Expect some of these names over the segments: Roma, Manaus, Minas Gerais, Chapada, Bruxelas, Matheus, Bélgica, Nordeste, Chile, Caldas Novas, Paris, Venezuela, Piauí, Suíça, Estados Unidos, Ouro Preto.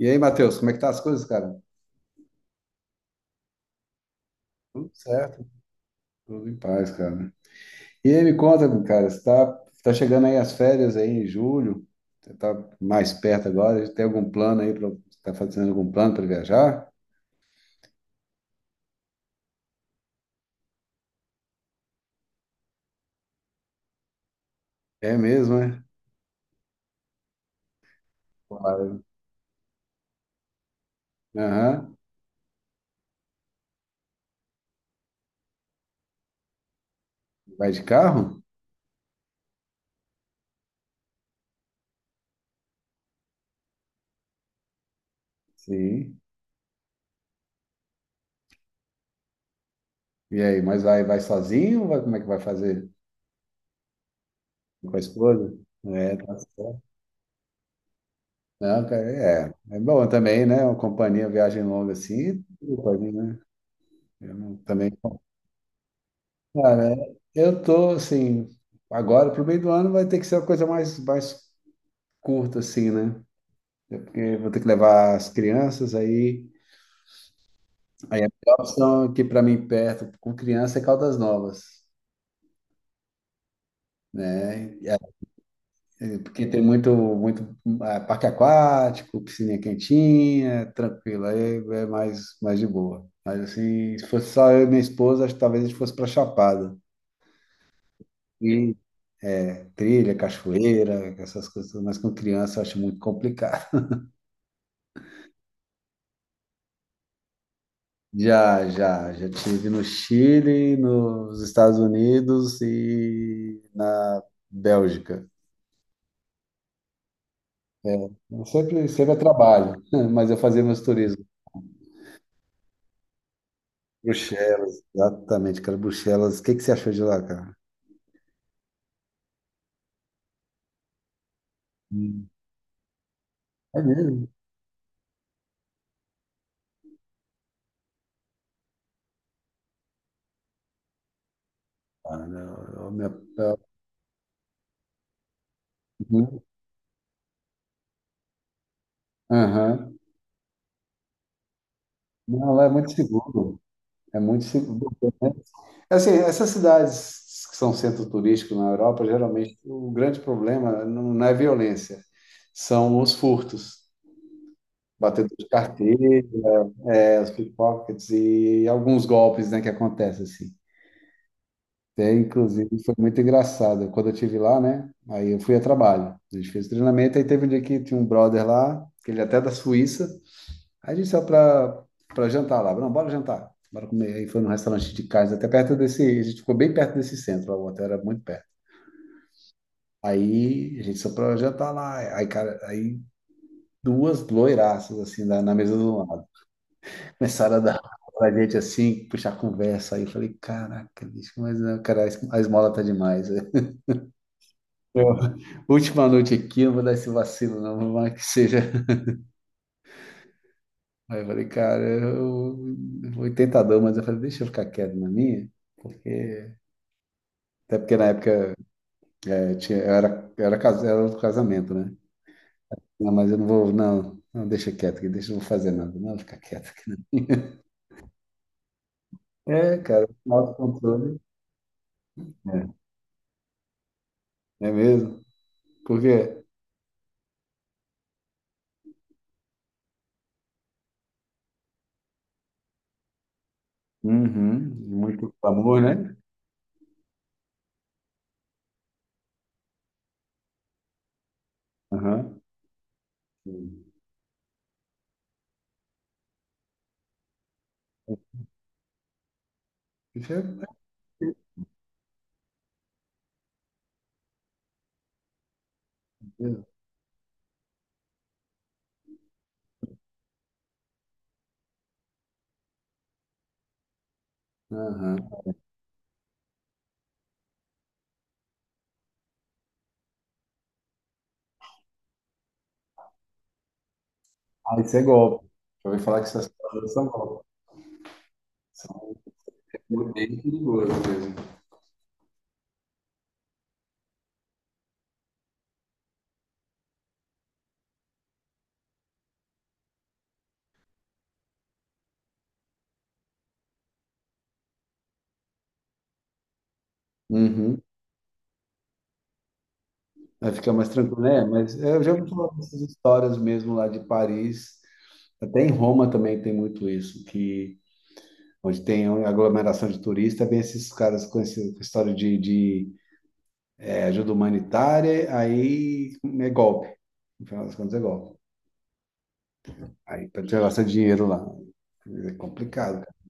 E aí, Matheus, como é que tá as coisas, cara? Tudo certo, tudo em paz, cara. E aí, me conta, cara, tá chegando aí as férias aí em julho, você tá mais perto agora, tem algum plano aí, você tá fazendo algum plano para viajar? É mesmo, né? Claro. Aham. Vai de carro? Sim. E aí, mas vai sozinho ou como é que vai fazer? Com a esposa? É, tá certo. Não, cara, é bom também, né? Uma companhia, viagem longa assim, tudo pode, né? Eu não- também Cara, eu tô assim, agora pro meio do ano vai ter que ser uma coisa mais curta, assim, né? É. Porque vou ter que levar as crianças, aí a melhor opção aqui para mim perto com criança é Caldas Novas, né? E porque tem muito parque aquático, piscininha quentinha, tranquilo, aí é mais de boa. Mas assim, se fosse só eu e minha esposa, acho que talvez a gente fosse para Chapada. E é, trilha, cachoeira, essas coisas, mas com criança eu acho muito complicado. Já tive no Chile, nos Estados Unidos e na Bélgica. É, sempre é trabalho, mas eu fazia meus turismos. Bruxelas, exatamente, cara, Bruxelas. O que que você achou de lá, cara? Hum. É mesmo? Ah, não, eu, minha, eu- Uhum. Aham. Não, lá é muito seguro. É muito seguro. Assim, essas cidades que são centro turístico na Europa, geralmente o grande problema não é violência, são os furtos, batedor de carteira, é, os pickpockets e alguns golpes, né, que acontecem assim. Até, inclusive, foi muito engraçado. Quando eu estive lá, né, aí eu fui a trabalho. A gente fez treinamento, aí teve um dia que tinha um brother lá, que ele é até da Suíça, aí a gente saiu para jantar lá. Não, bora jantar, bora comer. Aí foi num restaurante de casa, até perto desse, a gente ficou bem perto desse centro, lá, o hotel era muito perto. Aí a gente só pra jantar lá. Aí, cara, aí duas loiraças, assim, na mesa do lado. Começaram a dar pra gente, assim, puxar conversa. Aí eu falei, caraca, bicho, mas, não, cara, a esmola tá demais. Eu, última noite aqui, eu não vou dar esse vacilo, não, por mais que seja. Aí eu falei, eu fui tentador, mas eu falei, deixa eu ficar quieto na minha. Porque, até porque na época eu, tinha, eu era, cas- era do casamento, né? Não, mas eu não vou, não, deixa quieto, que deixa eu não vou fazer nada, não, fica quieto. É, cara, autocontrole. É, é mesmo? Porque, uhum, muito amor, né? Aham. Sim. Isso é é mesmo. Aham. Ah, isso é golpe. Já ouvi falar que essas coisas são golpes. São bem perigosas mesmo. Uhum. Aí fica mais tranquilo, né? Mas é, eu já ouvi falar dessas histórias mesmo lá de Paris. Até em Roma também tem muito isso, que onde tem aglomeração de turista, vem esses caras com, esse, com história de é ajuda humanitária, aí é golpe. No final das contas, é golpe. Aí para tirar seu dinheiro lá. É complicado, cara.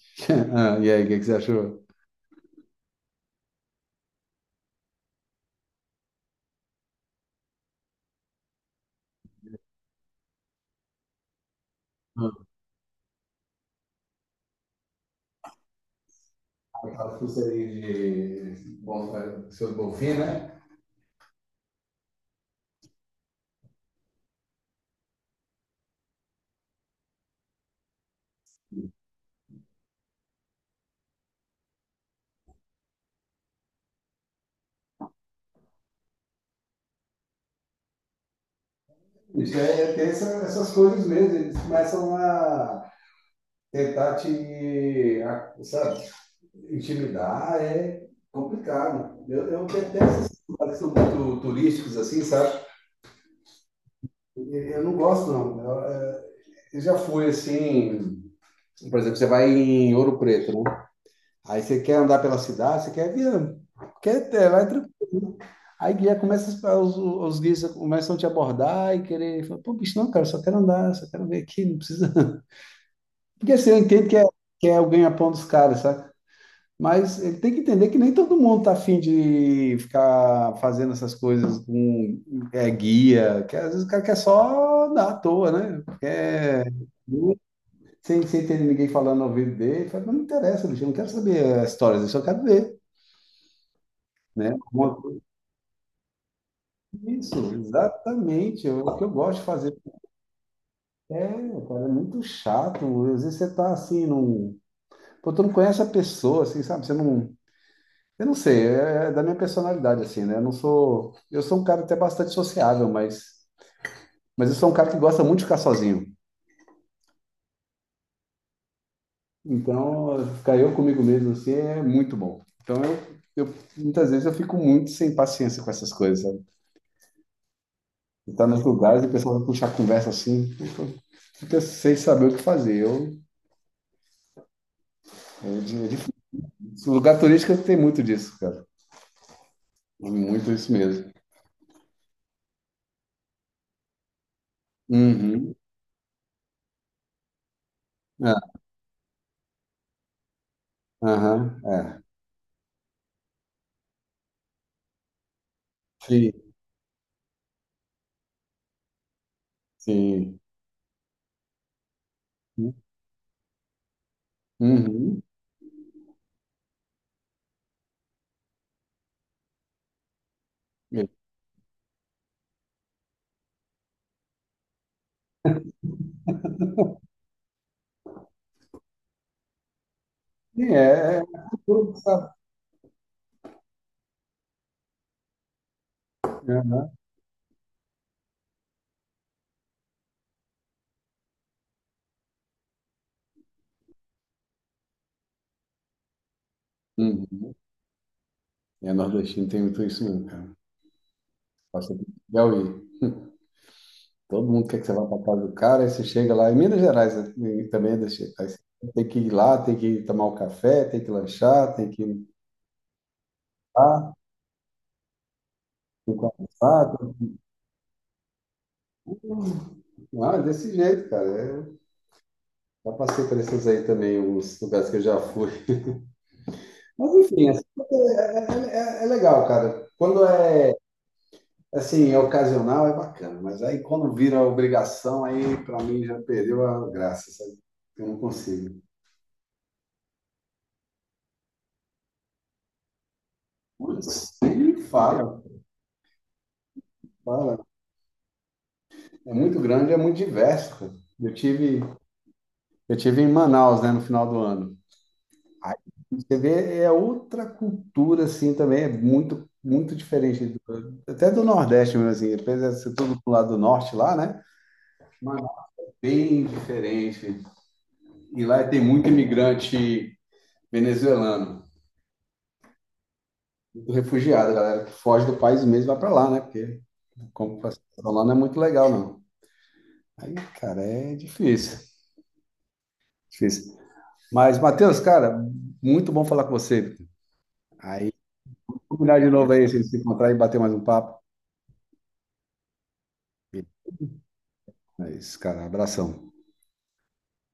Ah, e aí, que você achou? Ah, aquela pulseirinha de bom, seus golfinhos, né? Isso é é ter essas coisas mesmo. Eles começam a sabe, intimidar. É complicado. Eu detesto esses lugares que são muito turísticos, assim, sabe? Eu eu não gosto, não. Eu já fui, assim, por exemplo, você vai em Ouro Preto, né? Aí você quer andar pela cidade, você quer via, quer ter, vai tranquilo, né? Aí já começa, os guias começam a te abordar e querer, fala, pô, bicho, não, cara, só quero andar, só quero ver aqui, não precisa. Porque assim, eu entendo que é o ganha-pão dos caras, sabe? Mas ele tem que entender que nem todo mundo tá afim de ficar fazendo essas coisas com é, guia, que às vezes o cara quer só andar à toa, né? Quer sem ter ninguém falando ao ouvido dele, ele fala, não me interessa, bicho, eu não quero saber a história, eu só quero ver, né? Uma coisa, é isso, exatamente, o que eu gosto de fazer é, cara, é muito chato, às vezes você tá assim, num... Pô, tu não conhece a pessoa, assim, sabe? Você não... Eu não sei, é é da minha personalidade, assim, né? Eu não sou... Eu sou um cara até bastante sociável, mas... Mas eu sou um cara que gosta muito de ficar sozinho. Então, ficar eu comigo mesmo, assim, é muito bom. Então, muitas vezes eu fico muito sem paciência com essas coisas, e tá nos lugares e o pessoal vai puxar conversa assim, fica sem saber o que fazer. É difícil. Lugar turístico tem muito disso, cara. Muito isso mesmo. Uhum. Ah. Aham, é. Sim, sim. Uhum. É. Sim, é, é cultura, sabe? Aham. Uhum. É, nordestino tem muito isso mesmo, cara. Passa por Piauí. Todo mundo quer que você vá para casa do cara, aí você chega lá. Em Minas Gerais né, e também é desse jeito. Aí você tem que ir lá, tem que tomar um café, tem que lanchar, tem que ir lá. Fico cansado. Ah, desse jeito, cara. É, já passei por esses aí também, alguns lugares que eu já fui. Mas enfim, assim, é, é legal, cara. Quando é, assim, é ocasional, é bacana. Mas aí quando vira obrigação, aí pra mim já perdeu a graça, sabe? Eu não consigo. Putz, nem fala, fala. É muito grande, é muito diverso, cara. Eu tive, eu tive em Manaus, né, no final do ano. Aí você vê, é outra cultura, assim, também, muito diferente, até do Nordeste mesmo, assim, apesar de ser tudo pro lado do Norte lá, né? Mas bem diferente. E lá tem muito imigrante venezuelano, muito refugiado, galera que foge do país mesmo e vai para lá, né? Porque como passar lá não é muito legal, não. Aí, cara, é difícil. Mas, Matheus, cara, muito bom falar com você. Aí, vamos combinar de novo aí, se a gente se encontrar e bater mais um papo. É isso, cara. Abração.